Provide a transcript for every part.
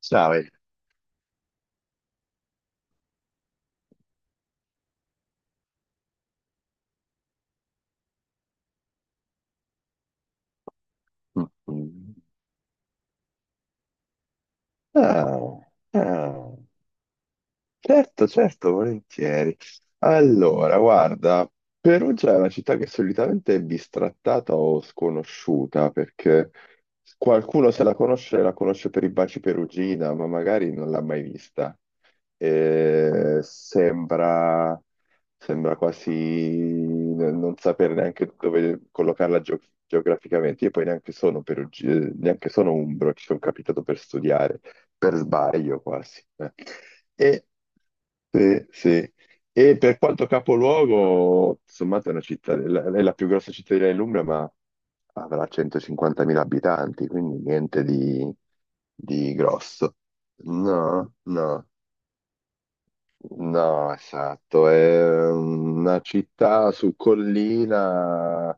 Sabe. Mm. Ah, ah. Certo, certo, volentieri. Allora, guarda, Perugia è una città che solitamente è bistrattata o sconosciuta, perché qualcuno se la conosce, la conosce per i baci Perugina, ma magari non l'ha mai vista. Eh, sembra, Sembra quasi non sapere neanche dove collocarla geograficamente. Io poi neanche sono perugino, neanche sono umbro, ci sono capitato per studiare per sbaglio quasi. E, sì, sì. E per quanto capoluogo, sommato è una città, è la più grossa cittadina dell'Umbria, ma avrà 150.000 abitanti, quindi niente di grosso. No, no. No, esatto, è una città su collina,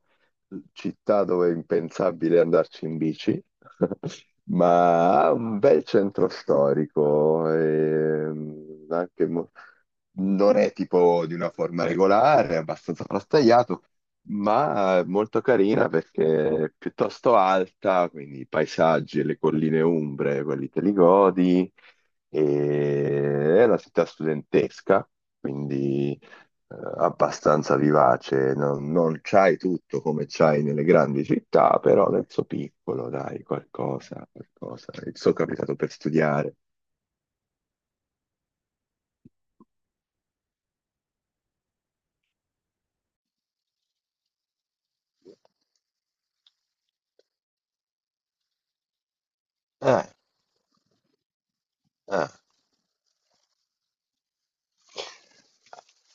città dove è impensabile andarci in bici, ma ha un bel centro storico, e anche mo- non è tipo di una forma regolare, è abbastanza frastagliato, ma è molto carina perché è piuttosto alta, quindi i paesaggi e le colline umbre, quelli te li godi e è una città studentesca, quindi abbastanza vivace, non c'hai tutto come c'hai nelle grandi città, però nel suo piccolo, dai, qualcosa, qualcosa. Sono capitato per studiare. Eh, eh.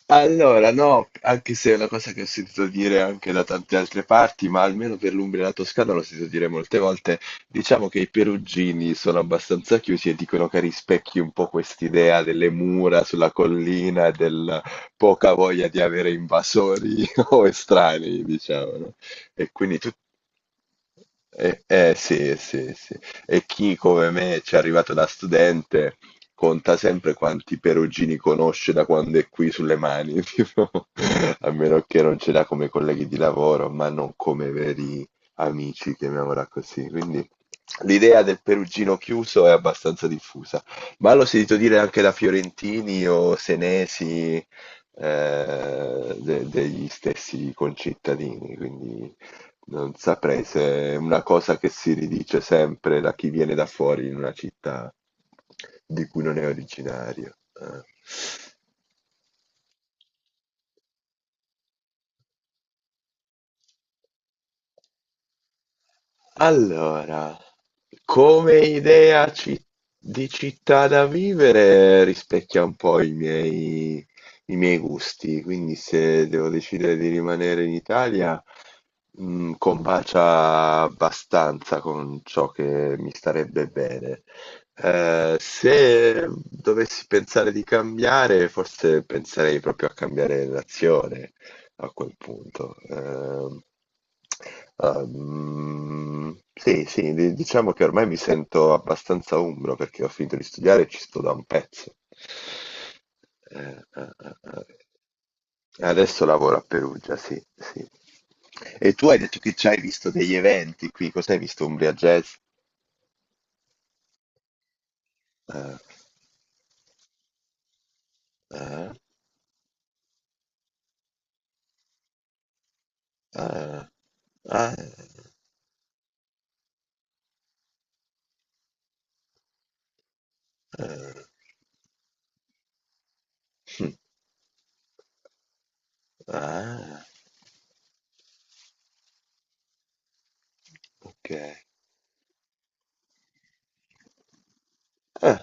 Allora, no, anche se è una cosa che ho sentito dire anche da tante altre parti, ma almeno per l'Umbria e la Toscana l'ho sentito dire molte volte, diciamo che i perugini sono abbastanza chiusi e dicono che rispecchi un po' quest'idea delle mura sulla collina e del poca voglia di avere invasori o estranei, diciamo, no? E quindi tu- sì, sì, sì. E chi come me ci è arrivato da studente conta sempre quanti perugini conosce da quando è qui sulle mani, tipo, a meno che non ce l'ha come colleghi di lavoro, ma non come veri amici, chiamiamola così. Quindi l'idea del perugino chiuso è abbastanza diffusa, ma l'ho sentito dire anche da fiorentini o senesi, degli stessi concittadini, quindi non saprei se è una cosa che si ridice sempre da chi viene da fuori in una città di cui non è originario. Allora, come idea ci- di città da vivere rispecchia un po' i miei gusti, quindi se devo decidere di rimanere in Italia, combacia abbastanza con ciò che mi starebbe bene. Se dovessi pensare di cambiare, forse penserei proprio a cambiare nazione a quel punto. Sì, sì, diciamo che ormai mi sento abbastanza umbro perché ho finito di studiare e ci sto da un pezzo. Eh. Adesso lavoro a Perugia, sì, sì. E tu hai detto che ci hai visto degli eventi qui, cos'hai visto? Umbria Jazz? Ah, ah, ah, ah, ah, hm, ah, ok. Eh,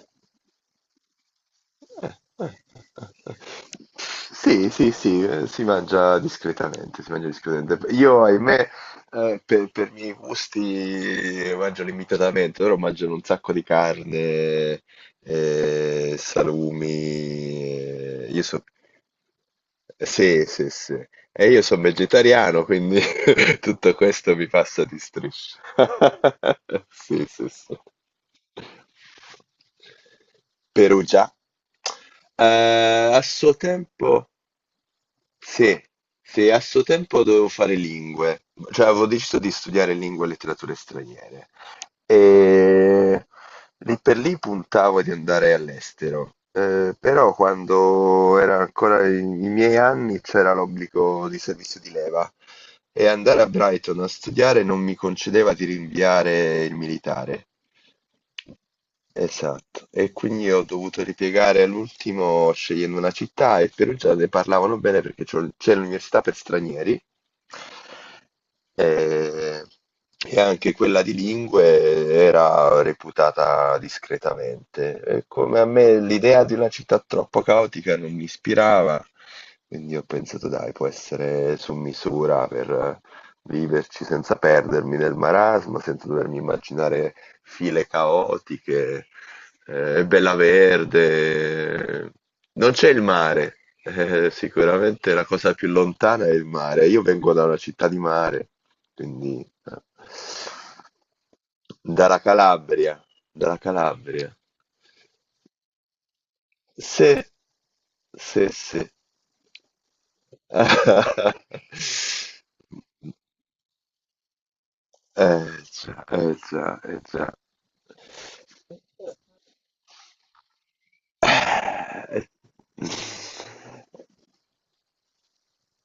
eh, eh, eh, eh. Sì, sì, sì, si mangia discretamente, si mangia discretamente. Io, ahimè, per i miei gusti mangio limitatamente, loro mangiano un sacco di carne, salumi. Io sono sì, sì, sì. E io sono vegetariano, quindi tutto questo mi passa di striscia. Sì, sì, sì. Perugia. A suo tempo sì, sì, a suo tempo dovevo fare lingue, cioè avevo deciso di studiare lingue e letterature straniere e lì per lì puntavo di andare all'estero. Però quando era ancora i miei anni c'era l'obbligo di servizio di leva e andare a Brighton a studiare non mi concedeva di rinviare il militare. Esatto, e quindi ho dovuto ripiegare all'ultimo scegliendo una città e Perugia ne parlavano bene perché c'è l'università per stranieri e, e anche quella di lingue era reputata discretamente. E come a me l'idea di una città troppo caotica non mi ispirava, quindi ho pensato dai, può essere su misura per viverci senza perdermi nel marasma, senza dovermi immaginare file caotiche, bella verde. Non c'è il mare, sicuramente la cosa più lontana è il mare. Io vengo da una città di mare, quindi eh, dalla Calabria, dalla Calabria. Sì, sì, sì. Eh già, eh già, eh già.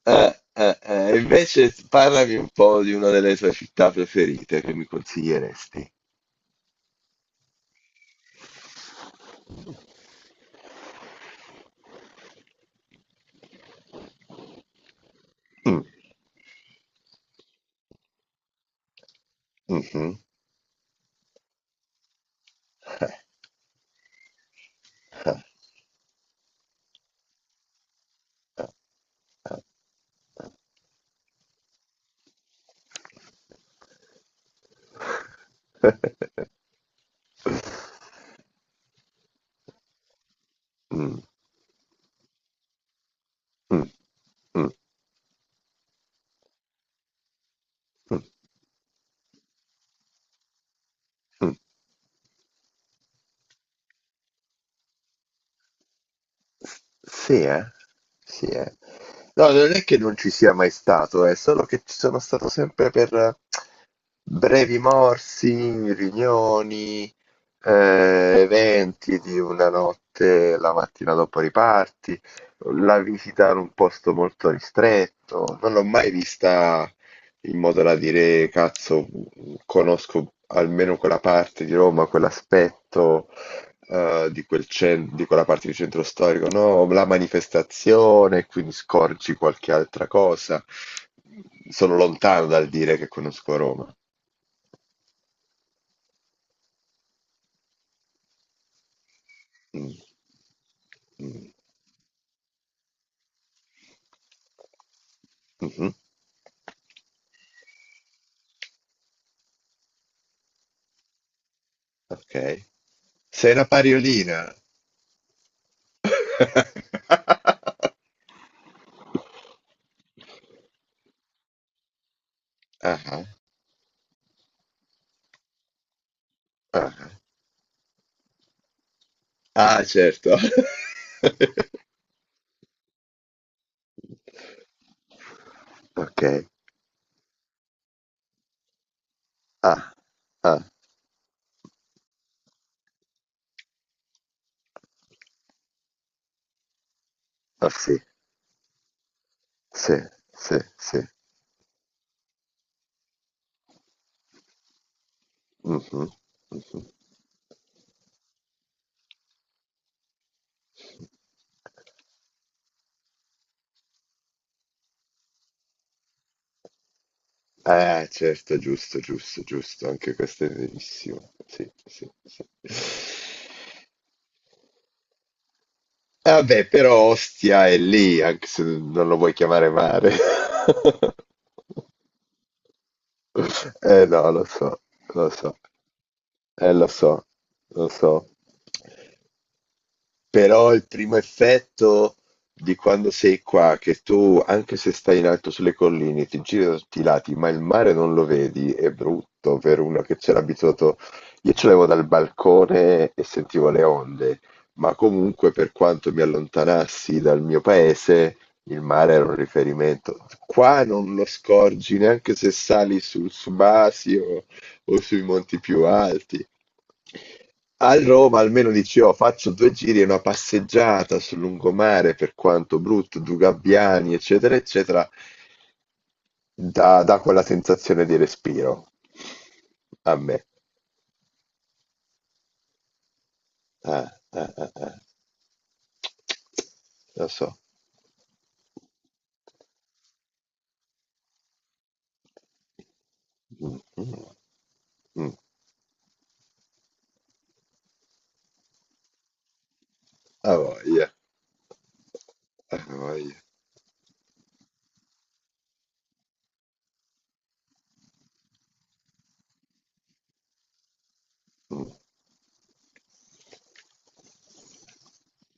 Invece parlami un po' di una delle tue città preferite che mi consiglieresti. Mm, mhm. Mm, mm, mm, mm, mm. Sì, eh? Sì, eh. No, non è che non ci sia mai stato, è solo che ci sono stato sempre per brevi morsi, riunioni, eh, eventi di una notte, la mattina dopo riparti, la visita in un posto molto ristretto. Non l'ho mai vista in modo da dire, cazzo, conosco almeno quella parte di Roma, quell'aspetto di quella parte di centro storico, no? La manifestazione, quindi scorgi qualche altra cosa. Sono lontano dal dire che conosco Roma. Mm, mm, mhm, ok. Sei una pariolina. Ah, ah, ah. Ah, certo. Ok. Ah, ah, ah, sì, sì, sì, sì. Mh-mh, mh-mh. Eh certo, giusto, giusto, giusto, anche questo è verissimo. Sì, sì, sì. E vabbè, però Ostia è lì, anche se non lo vuoi chiamare mare. Eh no, lo so, lo so. Lo so, lo so. Però il primo effetto di quando sei qua, che tu, anche se stai in alto sulle colline, ti giri da tutti i lati, ma il mare non lo vedi, è brutto per uno che c'era abituato. Io ce l'avevo dal balcone e sentivo le onde, ma comunque per quanto mi allontanassi dal mio paese, il mare era un riferimento. Qua non lo scorgi neanche se sali sul Subasio o sui monti più alti. A Roma almeno dici, "Oh, faccio due giri e una passeggiata sul lungomare, per quanto brutto, due gabbiani, eccetera, eccetera, dà, dà quella sensazione di respiro. A me." Eh, eh. Lo so. Mm, mm, mm. A voglia, a voglia. Mm.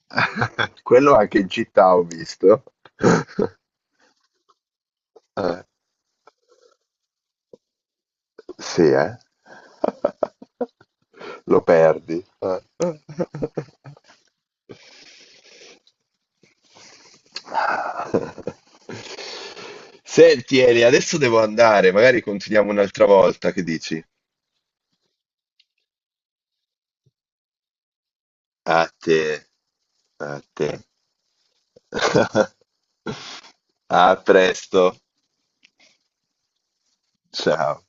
Quello anche in città ho visto. Eh. Sì, eh? Lo perdi. Senti, Eli, adesso devo andare, magari continuiamo un'altra volta, che dici? A te, a te. A presto. Ciao.